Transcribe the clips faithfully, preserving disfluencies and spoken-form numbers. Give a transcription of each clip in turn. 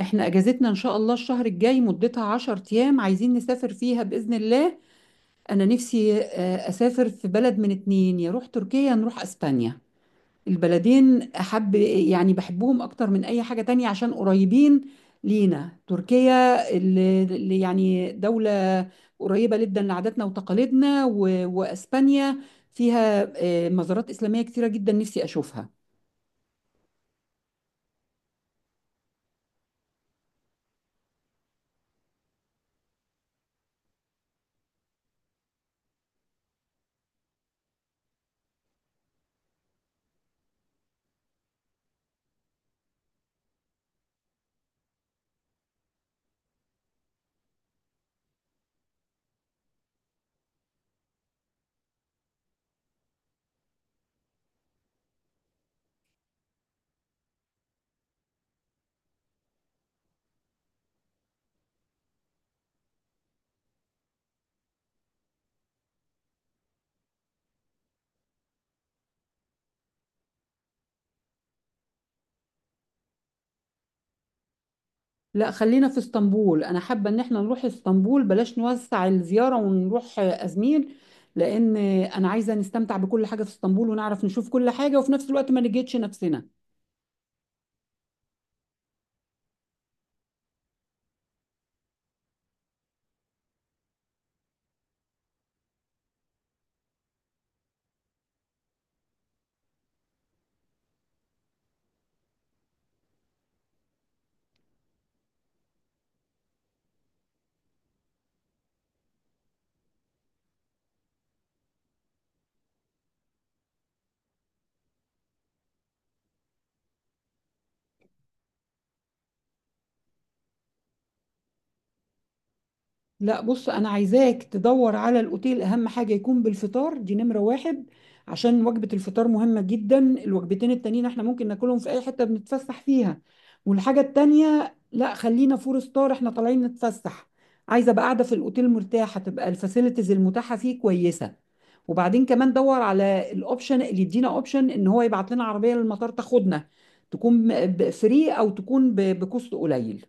احنا اجازتنا ان شاء الله الشهر الجاي مدتها 10 ايام، عايزين نسافر فيها باذن الله. انا نفسي آه، اسافر في بلد من اتنين، يا روح تركيا يا نروح اسبانيا. البلدين احب يعني بحبهم اكتر من اي حاجة تانية عشان قريبين لينا. تركيا اللي اللي يعني دولة قريبة جدا لعاداتنا وتقاليدنا و- واسبانيا فيها آه، مزارات اسلامية كتيرة جدا نفسي اشوفها. لا، خلينا في اسطنبول، انا حابه ان احنا نروح اسطنبول، بلاش نوسع الزياره ونروح ازمير، لان انا عايزه نستمتع بكل حاجه في اسطنبول ونعرف نشوف كل حاجه وفي نفس الوقت ما نجهدش نفسنا. لا بص، انا عايزاك تدور على الاوتيل، اهم حاجه يكون بالفطار، دي نمره واحد عشان وجبه الفطار مهمه جدا، الوجبتين التانيين احنا ممكن ناكلهم في اي حته بنتفسح فيها. والحاجه التانيه، لا خلينا فور ستار، احنا طالعين نتفسح، عايزه ابقى قاعده في الاوتيل مرتاحه، تبقى الفاسيلتيز المتاحه فيه كويسه. وبعدين كمان دور على الاوبشن اللي يدينا اوبشن ان هو يبعت لنا عربيه للمطار تاخدنا، تكون فري او تكون ب- بكوست قليل.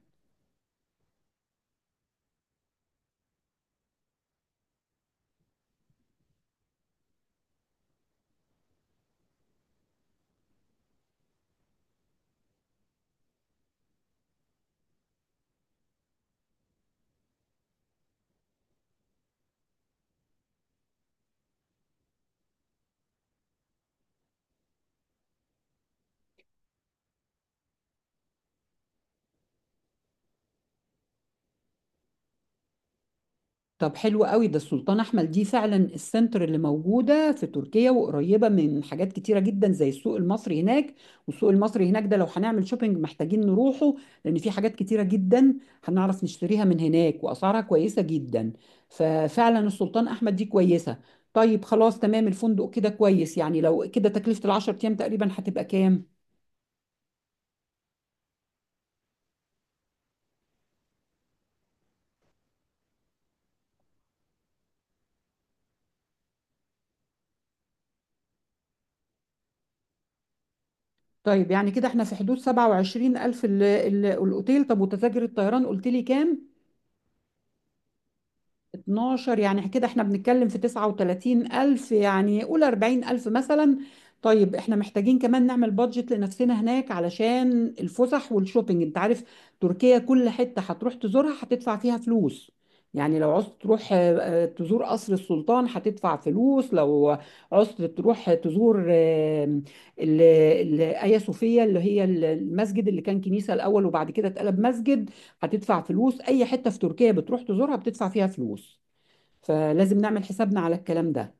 طب حلو قوي ده، السلطان احمد دي فعلا السنتر اللي موجوده في تركيا، وقريبه من حاجات كتيره جدا زي السوق المصري هناك. والسوق المصري هناك ده، لو هنعمل شوبينج محتاجين نروحه، لان في حاجات كتيره جدا هنعرف نشتريها من هناك واسعارها كويسه جدا. ففعلا السلطان احمد دي كويسه. طيب خلاص، تمام الفندق كده كويس. يعني لو كده تكلفه العشر ايام تقريبا هتبقى كام؟ طيب يعني كده احنا في حدود سبعة وعشرين الف ال- ال- الاوتيل. طب وتذاكر الطيران قلت لي كام؟ اتناشر، يعني كده احنا بنتكلم في تسعة وتلاتين ألف، يعني قول اربعين ألف مثلا. طيب احنا محتاجين كمان نعمل بادجت لنفسنا هناك علشان الفسح والشوبينج. انت عارف تركيا كل حتة هتروح تزورها هتدفع فيها فلوس. يعني لو عوزت تروح آه، آه، تزور قصر السلطان هتدفع فلوس. لو عوزت تروح تزور آه، ال- ال- آيا صوفيا اللي هي المسجد اللي كان كنيسة الأول وبعد كده اتقلب مسجد، هتدفع فلوس. اي حته في تركيا بتروح تزورها بتدفع فيها فلوس، فلازم نعمل حسابنا على الكلام ده.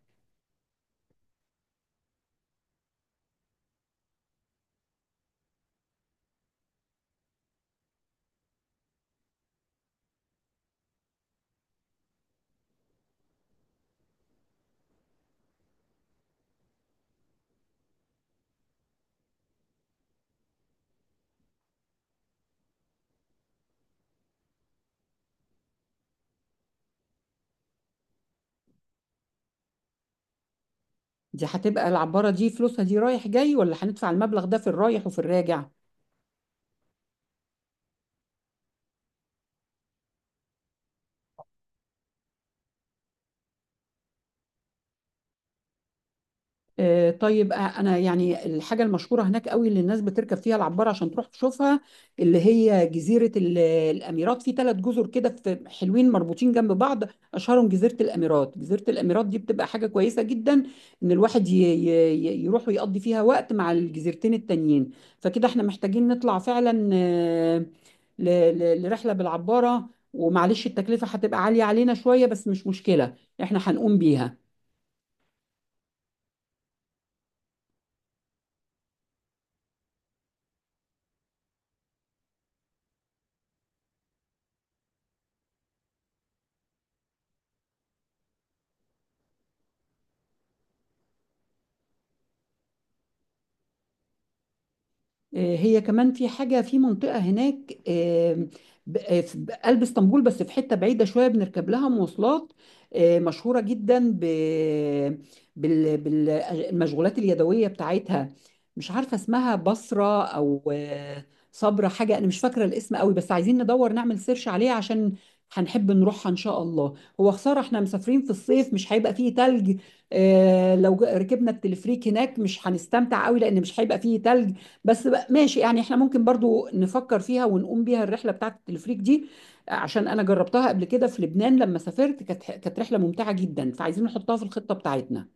دي هتبقى العباره دي فلوسها دي رايح جاي، ولا هندفع المبلغ ده في الرايح وفي الراجع؟ آه، طيب، آه، انا يعني الحاجه المشهوره هناك قوي اللي الناس بتركب فيها العباره عشان تروح تشوفها، اللي هي جزيره ال- الاميرات. في ثلاث جزر كده في حلوين مربوطين جنب بعض، اشهرهم جزيره الاميرات. جزيره الاميرات دي بتبقى حاجه كويسه جدا، ان الواحد ي- ي- ي- يروح ويقضي فيها وقت مع الجزيرتين التانيين. فكده احنا محتاجين نطلع فعلا آه، ل- ل- لرحله بالعباره، ومعلش التكلفه هتبقى عاليه علينا شويه بس مش مشكله، احنا هنقوم بيها. آه، هي كمان في حاجة في منطقة هناك آه، ب- آه، في قلب اسطنبول، بس في حتة بعيدة شوية بنركب لها مواصلات، آه، مشهورة جدا ب بالمشغولات اليدوية بتاعتها. مش عارفة اسمها بصرة أو آه، صبرة حاجة، أنا مش فاكرة الاسم قوي، بس عايزين ندور نعمل سيرش عليها عشان هنحب نروحها إن شاء الله. هو خسارة احنا مسافرين في الصيف مش هيبقى فيه تلج. آه، لو ج- ركبنا التلفريك هناك مش هنستمتع قوي لأن مش هيبقى فيه تلج. بس بقى ماشي، يعني احنا ممكن برضو نفكر فيها ونقوم بيها الرحله بتاعه التلفريك دي، عشان انا جربتها قبل كده في لبنان لما سافرت، كانت كانت رحله ممتعه جدا، فعايزين نحطها في الخطه بتاعتنا.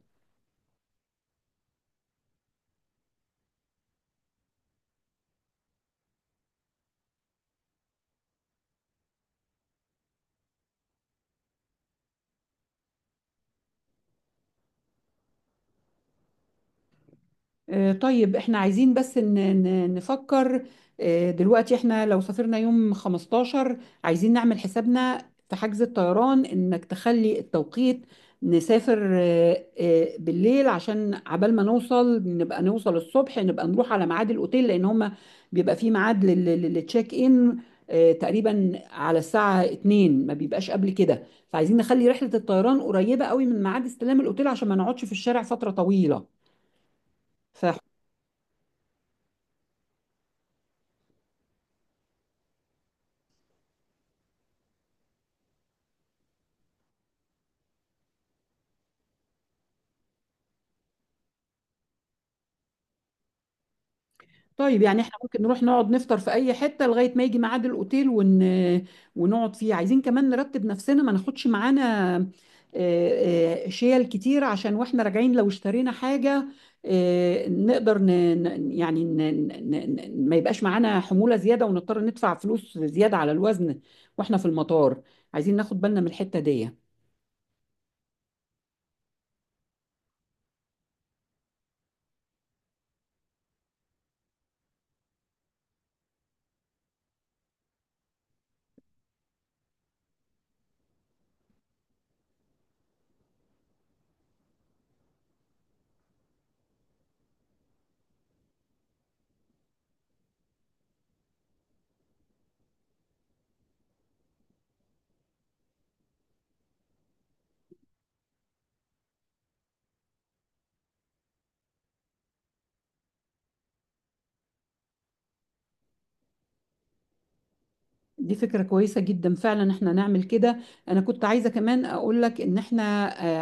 آه، طيب، احنا عايزين بس ن- ن- نفكر. آه، دلوقتي احنا لو سافرنا يوم خمستاشر، عايزين نعمل حسابنا في حجز الطيران انك تخلي التوقيت نسافر آه، آه، بالليل، عشان عبال ما نوصل نبقى نوصل الصبح نبقى نروح على ميعاد الاوتيل، لان هما بيبقى فيه ميعاد لل- لل- للتشيك ان آه، تقريبا على الساعة اتنين، ما بيبقاش قبل كده. فعايزين نخلي رحلة الطيران قريبة قوي من ميعاد استلام الاوتيل عشان ما نقعدش في الشارع فترة طويلة. طيب يعني احنا ممكن نروح نقعد نفطر في اي حتة لغاية ما يجي ميعاد الاوتيل ون... ونقعد فيه. عايزين كمان نرتب نفسنا ما ناخدش معانا آه، آه، شيل كتير، عشان واحنا راجعين لو اشترينا حاجة آه، نقدر ن... ن- يعني ن... ن... ن- ما يبقاش معانا حمولة زيادة ونضطر ندفع فلوس زيادة على الوزن واحنا في المطار. عايزين ناخد بالنا من الحتة دي. دي فكرة كويسة جدا، فعلا احنا نعمل كده. انا كنت عايزة كمان اقول لك ان احنا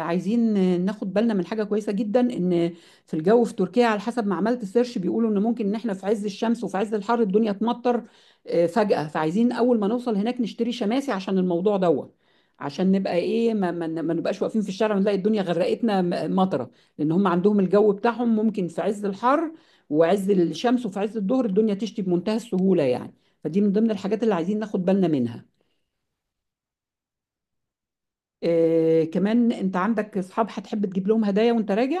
آه، عايزين ناخد بالنا من حاجة كويسة جدا، ان في الجو في تركيا على حسب ما عملت سيرش بيقولوا ان ممكن ان احنا في عز الشمس وفي عز الحر الدنيا تمطر آه، فجأة، فعايزين اول ما نوصل هناك نشتري شماسي عشان الموضوع دوت، عشان نبقى ايه ما, ما, ما نبقاش واقفين في الشارع ونلاقي الدنيا غرقتنا م- مطرة. لان هم عندهم الجو بتاعهم ممكن في عز الحر وعز الشمس وفي عز الظهر الدنيا تشتي بمنتهى السهولة يعني. فدي من ضمن الحاجات اللي عايزين ناخد بالنا منها. آه، كمان انت عندك اصحاب هتحب تجيب لهم هدايا وانت راجع.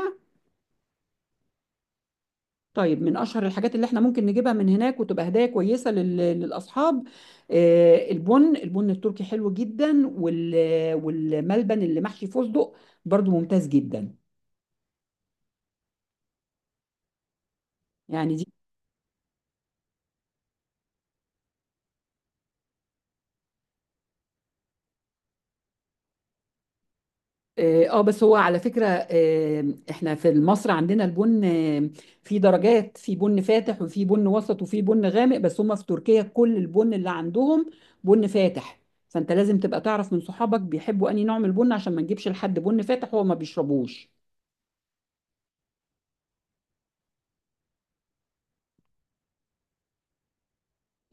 طيب من اشهر الحاجات اللي احنا ممكن نجيبها من هناك وتبقى هدايا كويسه لل- للاصحاب، آه البن البن التركي حلو جدا، وال والملبن اللي محشي فستق برضو ممتاز جدا يعني. اه، آه، بس هو على فكرة آه، احنا في مصر عندنا البن آه، في درجات، في بن فاتح وفي بن وسط وفي بن غامق، بس هم في تركيا كل البن اللي عندهم بن فاتح. فانت لازم تبقى تعرف من صحابك بيحبوا انهي نوع من البن عشان ما نجيبش لحد بن فاتح هو ما بيشربوش.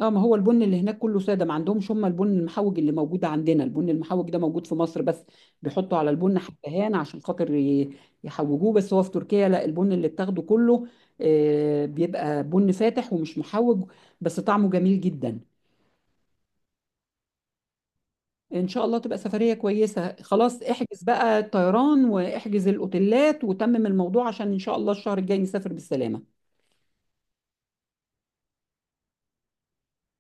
اه، ما هو البن اللي هناك كله ساده، ما عندهمش هم البن المحوج اللي موجود عندنا، البن المحوج ده موجود في مصر بس، بيحطوا على البن حبهان عشان خاطر ي- يحوجوه. بس هو في تركيا لا، البن اللي بتاخده كله آه، بيبقى بن فاتح ومش محوج، بس طعمه جميل جدا. ان شاء الله تبقى سفريه كويسه، خلاص احجز بقى الطيران واحجز الاوتيلات وتمم الموضوع عشان ان شاء الله الشهر الجاي نسافر بالسلامه.